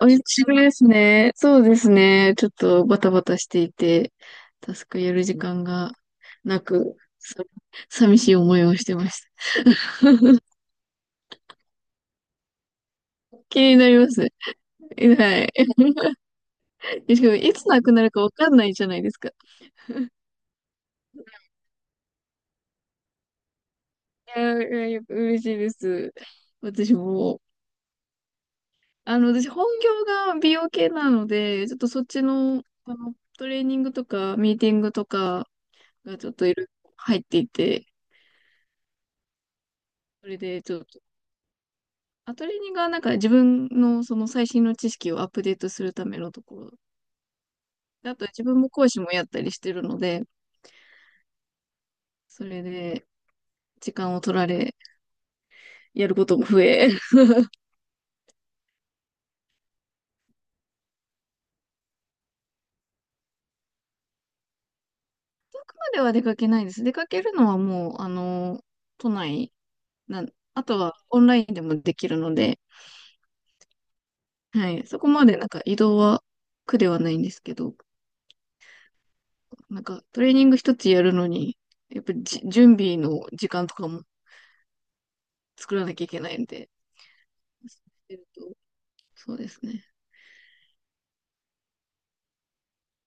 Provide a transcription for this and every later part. お一緒ですね。そうですね。ちょっとバタバタしていて、タスクやる時間がなく、寂しい思いをしてました。気になります。はい。しかも、いつなくなるかわかんないじゃないですか。いや、いやいや嬉しいです。私も、私本業が美容系なので、ちょっとそっちの、トレーニングとか、ミーティングとかがちょっといろいろ入っていて、それでちょっとアトリエがなんか自分のその最新の知識をアップデートするためのところ。であと自分も講師もやったりしてるので、それで時間を取られ、やることも増え。までは出かけないです。出かけるのはもう、都内なん、あとはオンラインでもできるので、はい、そこまでなんか移動は苦ではないんですけど、なんかトレーニング一つやるのに、やっぱり準備の時間とかも作らなきゃいけないんで、そうするとそうですね。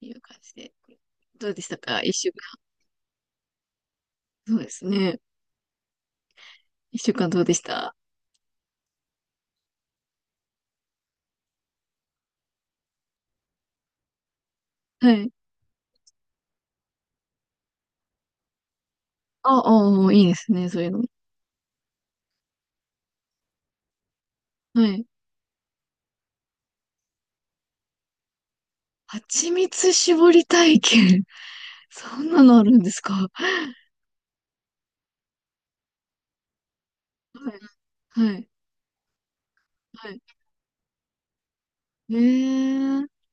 ていう感じで。どうでしたか、一週間？そうですね。一週間どうでした？はい。あ、ああ、いいですね、そういうの。はい。蜂蜜絞り体験。そんなのあるんですか？はい。はい。はい。ええ、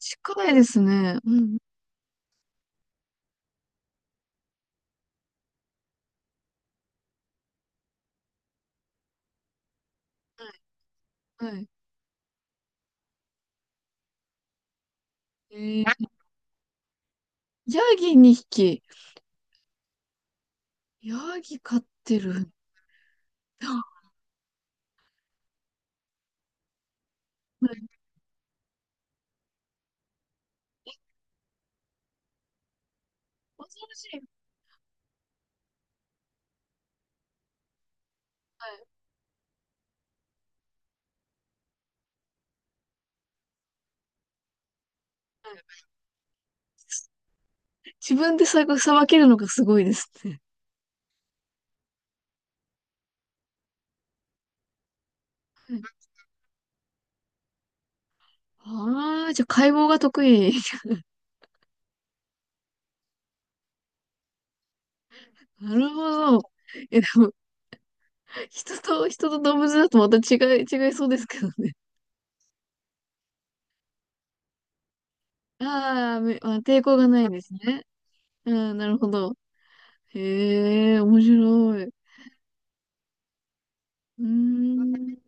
近いですね。うん。はい。はい。ええ、ヤギ2匹。ヤギ飼ってる。あ、はい。恐ろしい。はい。はい。自分でさばけるのがすごいですね。はい。ああ、じゃあ解剖が得意。なるほど。え、でも、人と動物だとまた違いそうですけどね。あーめまあ、抵抗がないんですね。うん、なるほど。へえ、面白い。うーん、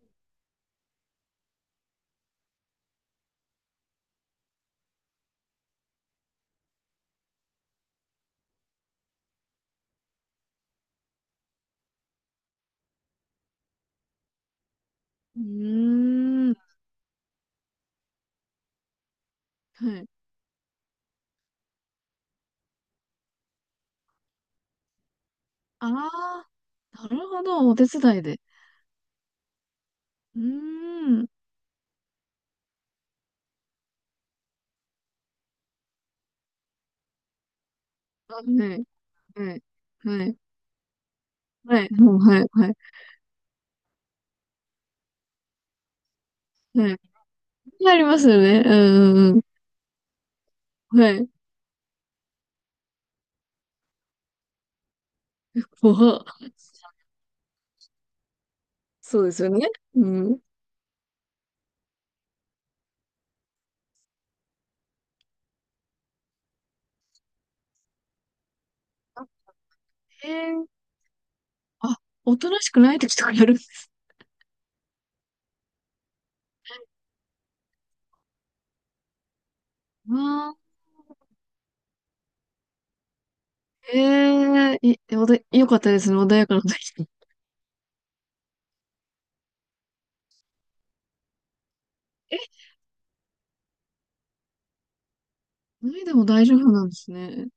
うーん、はい。ああ、なるほど、お手伝いで。うーん、あ、はい、はい、はい、はい、もう、はい、はい、はい。ありますよね。うん、うん、うん、はい。おは、そうですよね。うん。あ、へえ、あ、おとなしくない時とかやるんですね。ああ、ええ、い、おで、よかったですね。穏やかな時。え、ないでも大丈夫なんですね。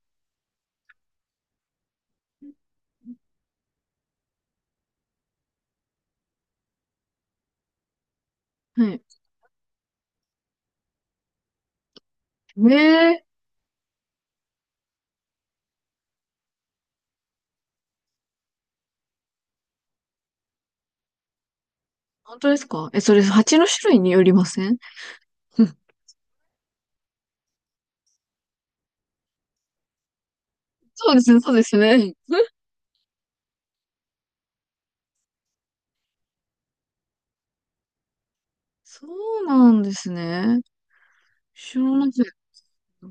はい。ええ、本当ですか？それ、蜂の種類によりません？ そうですね、そうですね。そうなんですね。知らなかった。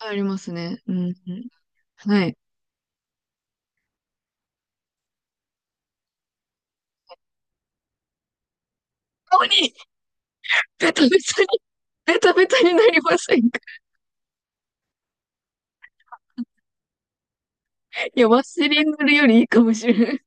ありますね。うん、うん。はい。顔に、ベタベタに、ベタベタになりませんか？いや、ワセリン塗るよりいいかもしれない。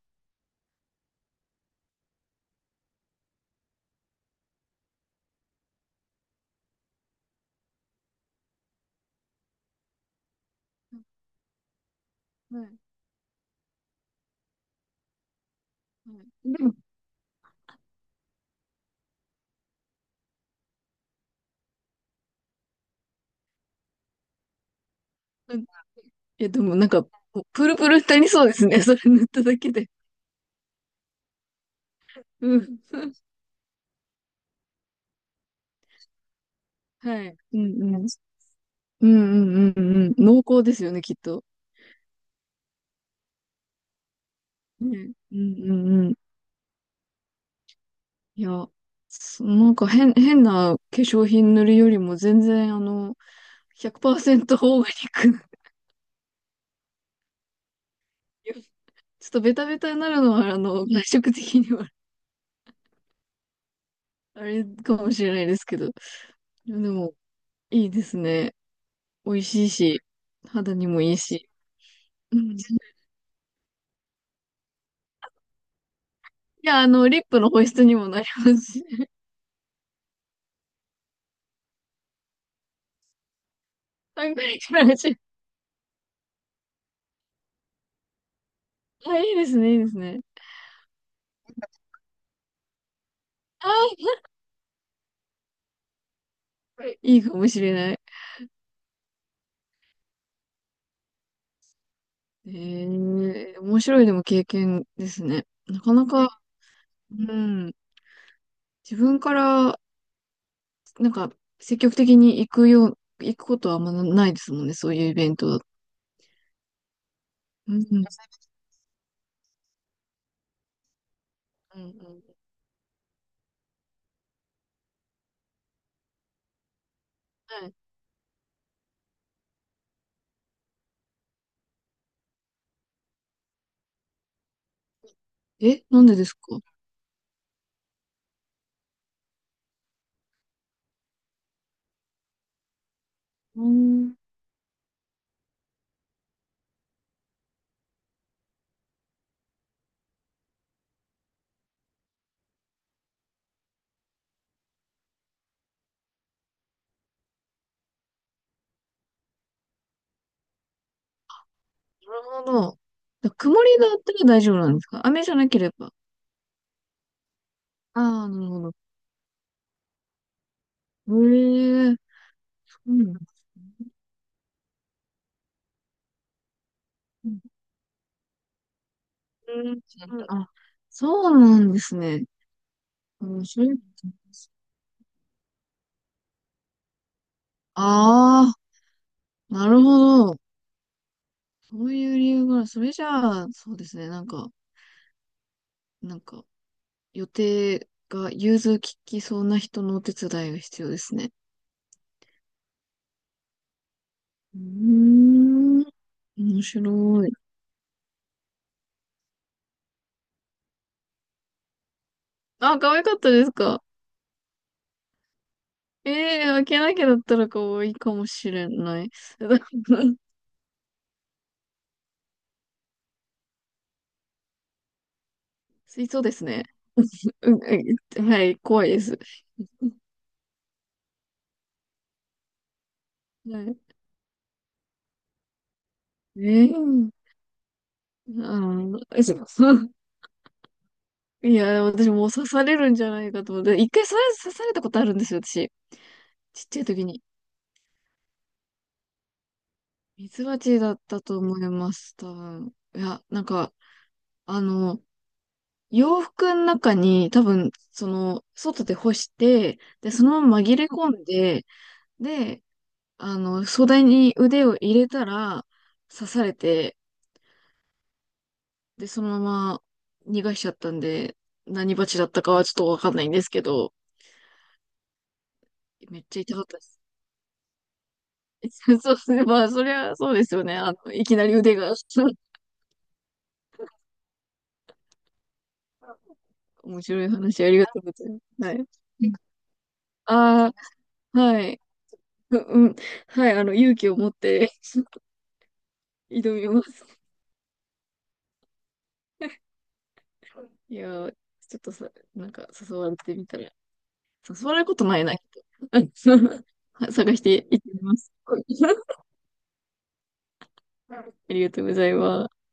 はい。はい。でも、いや、でもなんか、プルプルになりそうですね。それ塗っただけで。うん。はい。うんうん。うんうんうんうん。濃厚ですよね、きっと。ね。うんうんうん。いや、なんか、変な化粧品塗るよりも全然、100%オーガニックな。ちょっとベタベタになるのは、外食的には あれかもしれないですけど。でも、いいですね。美味しいし、肌にもいいし。うん。いや、リップの保湿にもなりますし。3回くらいし。あ、いいですね、いいですね。あー、いいかもしれない。え面白い、でも経験ですね。なかなか、うん、自分から、なんか、積極的に、行くことはあんまないですもんね、そういうイベントだと。うん、うん、うん。はい。え、なんでですか？うん、なるほど。曇りだったら大丈夫なんですか？雨じゃなければ。ああ、なるほど。ええ、そうなんですね。うん、あ、そうなんですね。うん、それ、ああ、なるほど。そういう理由が、それじゃあ、そうですね。なんか、予定が融通ききそうな人のお手伝いが必要ですね。うーん、面白い。あ、可愛かったですか？ええー、開けなきゃだったら可愛いかもしれない。水槽ですね。うん、うん、はい、怖いです。はい。ええー、そういや、私もう刺されるんじゃないかと思って、一回それ刺されたことあるんですよ、私。ちっちゃい時に。ミツバチだったと思います、多分。いや、なんか、あの、洋服の中に多分、外で干して、で、そのまま紛れ込んで、で、袖に腕を入れたら、刺されて、で、そのまま逃がしちゃったんで、何バチだったかはちょっとわかんないんですけど、めっちゃ痛かったです。そうですね。まあ、そりゃそうですよね。いきなり腕が。面白い話、ありがとうございます。はい。ああ、はい。うん。はい。勇気を持って 挑みます。いやー、ちょっとさ、なんか誘われてみたら、誘われることないな、きっと。探していってみます。ありがとうございます。